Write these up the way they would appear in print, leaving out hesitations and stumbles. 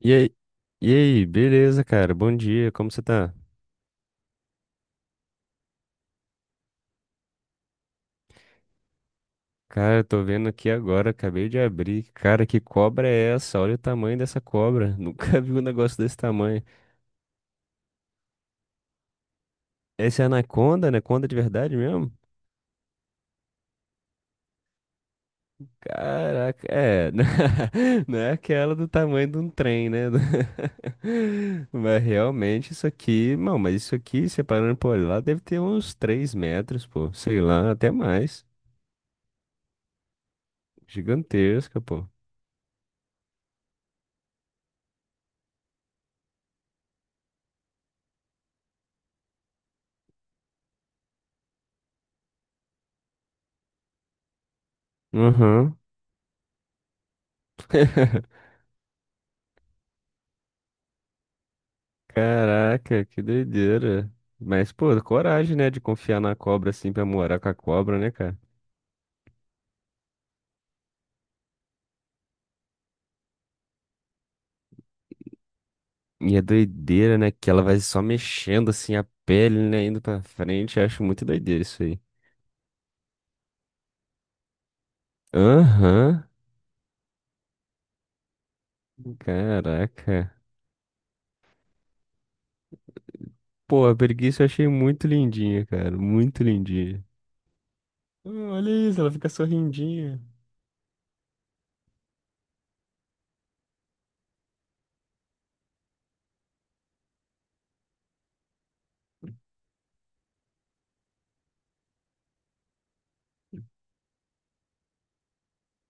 E aí, e aí, beleza, cara? Bom dia, como você tá? Cara, eu tô vendo aqui agora, acabei de abrir. Cara, que cobra é essa? Olha o tamanho dessa cobra. Nunca vi um negócio desse tamanho. Essa é anaconda? Anaconda de verdade mesmo? Caraca, é. Não é aquela do tamanho de um trem, né? Mas realmente isso aqui, não, mas isso aqui, separando por lá, deve ter uns 3 metros, pô. Sei lá, até mais. Gigantesca, pô. Uhum. Caraca, que doideira. Mas, pô, coragem, né, de confiar na cobra assim pra morar com a cobra, né, cara? E é doideira, né, que ela vai só mexendo assim a pele, né, indo pra frente. Eu acho muito doideira isso aí. Aham, caraca. Pô, a preguiça eu achei muito lindinha, cara, muito lindinha. Ah, olha isso, ela fica sorrindinha.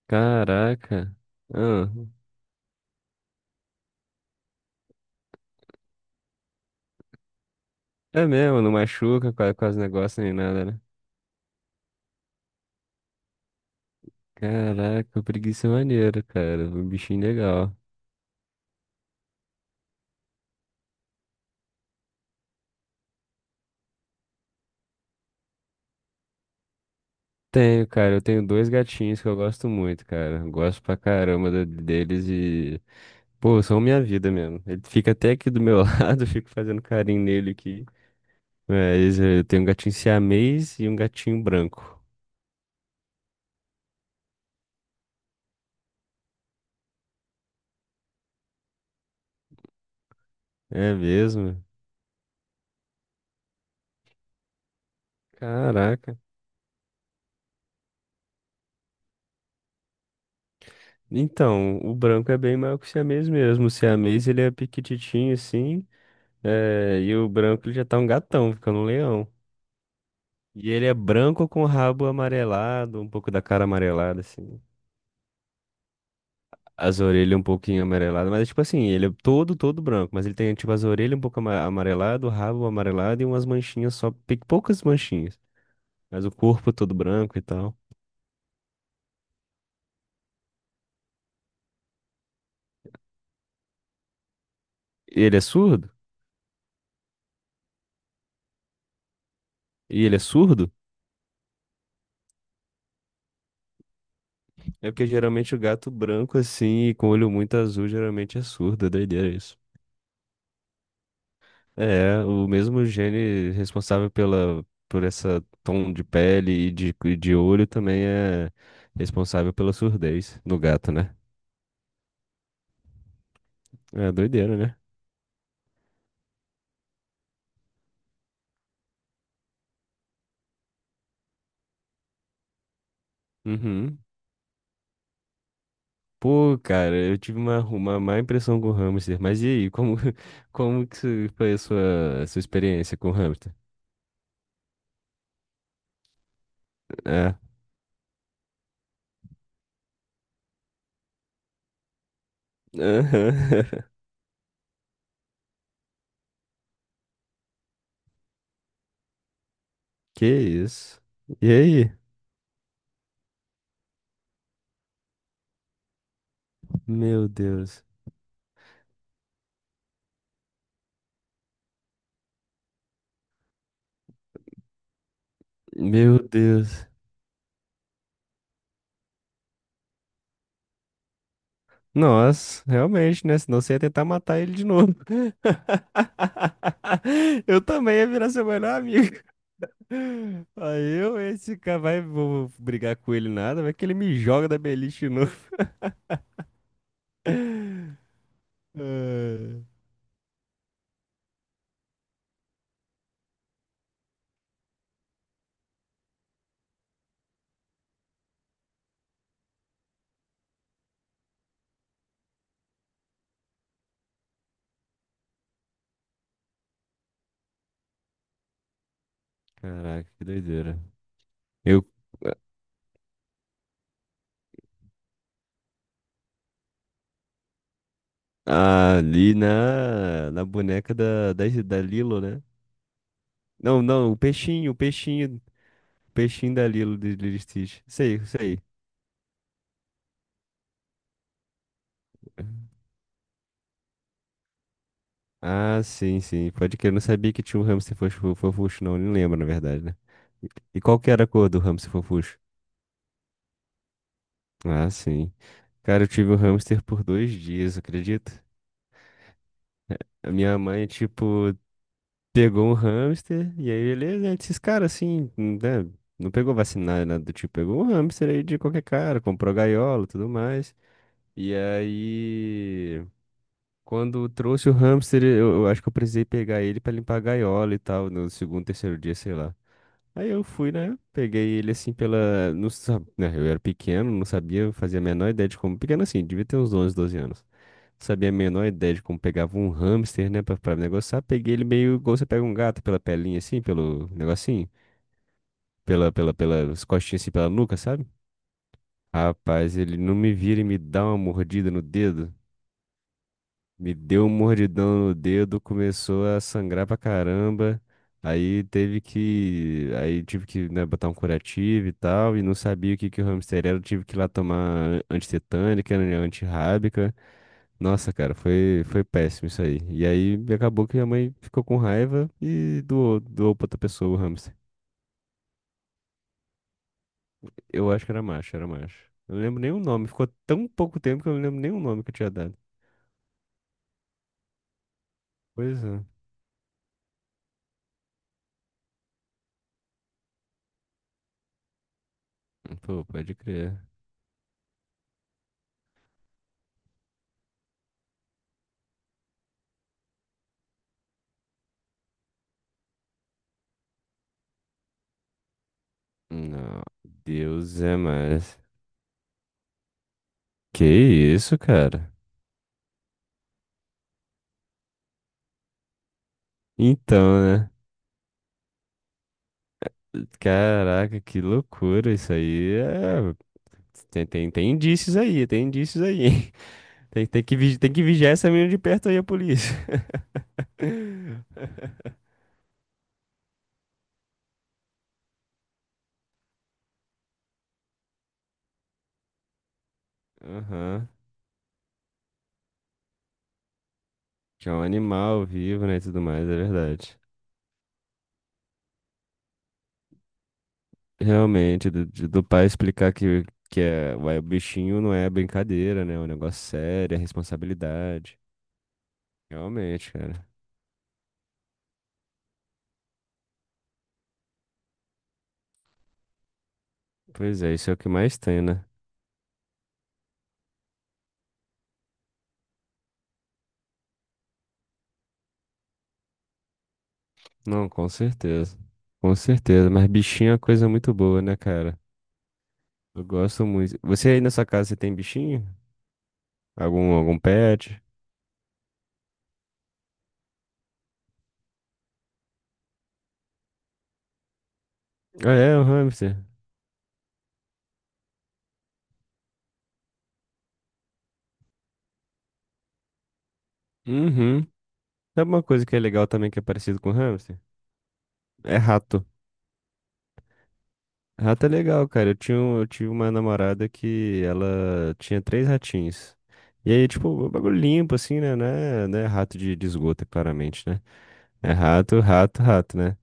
Caraca. Ah, é mesmo, não machuca quase, quase negócio nem nada, né? Caraca, preguiça é maneira, cara. Um bichinho legal. Tenho, cara. Eu tenho dois gatinhos que eu gosto muito, cara. Gosto pra caramba deles e. Pô, são minha vida mesmo. Ele fica até aqui do meu lado, eu fico fazendo carinho nele aqui. Mas eu tenho um gatinho siamês e um gatinho branco. É mesmo? Caraca. Então, o branco é bem maior que o siamês mesmo. O siamês, ele é piquititinho assim. E o branco, ele já tá um gatão, ficando um leão. E ele é branco com o rabo amarelado, um pouco da cara amarelada, assim. As orelhas um pouquinho amareladas, mas é tipo assim, ele é todo, todo branco, mas ele tem tipo as orelhas um pouco amarelado, o rabo amarelado e umas manchinhas só, poucas manchinhas, mas o corpo é todo branco e tal. E ele é surdo? E ele é surdo? É porque geralmente o gato branco assim, e com olho muito azul, geralmente é surdo, é doideira isso. É, o mesmo gene responsável pela, por essa tom de pele e de olho também é responsável pela surdez no gato, né? É doideira, né? Uhum. Pô, cara, eu tive uma má impressão com o hamster. Mas e aí, como, como que se- foi a sua experiência com o hamster? É. Aham. Que isso? E aí? Meu Deus. Meu Deus. Nossa, realmente, né? Senão você ia tentar matar ele de novo. Eu também ia virar seu melhor amigo. Aí eu, esse cara, vai, vou brigar com ele nada, vai que ele me joga da beliche de novo. Ah. Caraca, que doideira. Eu ali na, na boneca da Lilo, né? Não, não, o peixinho da Lilo de Lilo e Stitch. Isso aí, ah, sim, sim. Pode que eu não sabia que tinha um hamster fofucho, não. Nem lembro, na verdade, né? E e qual que era a cor do hamster fofucho? Ah, sim. Cara, eu tive um hamster por 2 dias, acredita? A minha mãe, tipo, pegou um hamster, e aí beleza, né? Esses caras assim, né? Não pegou vacina, nada do tipo, pegou um hamster aí de qualquer cara, comprou gaiola e tudo mais. E aí, quando trouxe o hamster, eu acho que eu precisei pegar ele pra limpar a gaiola e tal, no segundo, terceiro dia, sei lá. Aí eu fui, né? Peguei ele assim pela. Não sab... né, Eu era pequeno, não sabia, fazia a menor ideia de como. Pequeno assim, devia ter uns 11 12 anos. Sabia a menor ideia de como pegava um hamster, né, pra negociar. Peguei ele meio igual você pega um gato pela pelinha, assim, pelo negocinho, pelas costinhas, assim, pela nuca, sabe? Rapaz, ele não me vira e me dá uma mordida no dedo. Me deu um mordidão no dedo, começou a sangrar pra caramba. Aí tive que, né, botar um curativo e tal, e não sabia o que que o hamster era, eu tive que ir lá tomar antitetânica, né, antirrábica. Nossa, cara, foi, foi péssimo isso aí. E aí acabou que minha mãe ficou com raiva e doou, doou pra outra pessoa o hamster. Eu acho que era macho, era macho. Eu não lembro nem o nome. Ficou tão pouco tempo que eu não lembro nem o nome que eu tinha dado. Pois é. Pô, pode crer. Não, Deus é mais. Que isso, cara? Então, né? Caraca, que loucura isso aí. É... Tem, tem, tem indícios aí, tem indícios aí. Tem, tem que vigiar essa menina de perto aí, a polícia. Aham. Que é um animal vivo, né, e tudo mais, é verdade. Realmente, do pai explicar que é, ué, o bichinho não é brincadeira, né? É um negócio sério, é responsabilidade. Realmente, cara. Pois é, isso é o que mais tem, né? Não, com certeza. Com certeza, mas bichinho é uma coisa muito boa, né, cara? Eu gosto muito. Você aí na sua casa, você tem bichinho? Algum, algum pet? Ah, é, um hamster. Uhum. Sabe uma coisa que é legal também que é parecido com hamster? É rato. Rato é legal, cara. Eu tinha, eu tive uma namorada que ela tinha 3 ratinhos. E aí, tipo, o bagulho limpo, assim, né? Não é, não é rato de esgoto, claramente, né? É rato, rato, rato, né?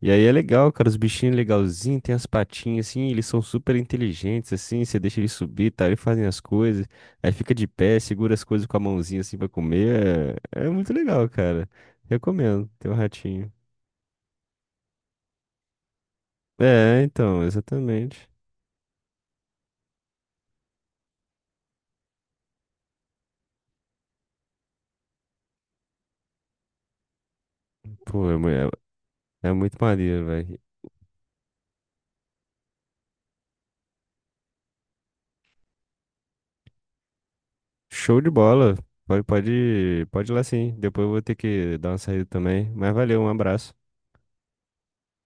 E aí é legal, cara. Os bichinhos legalzinhos, tem as patinhas, assim, eles são super inteligentes, assim. Você deixa eles subir, tá? Eles fazem as coisas. Aí fica de pé, segura as coisas com a mãozinha, assim, pra comer. É, é muito legal, cara. Recomendo ter um ratinho. É, então, exatamente. Pô, é muito maneiro, velho. Show de bola. Pode, pode, pode ir lá sim. Depois eu vou ter que dar uma saída também. Mas valeu, um abraço.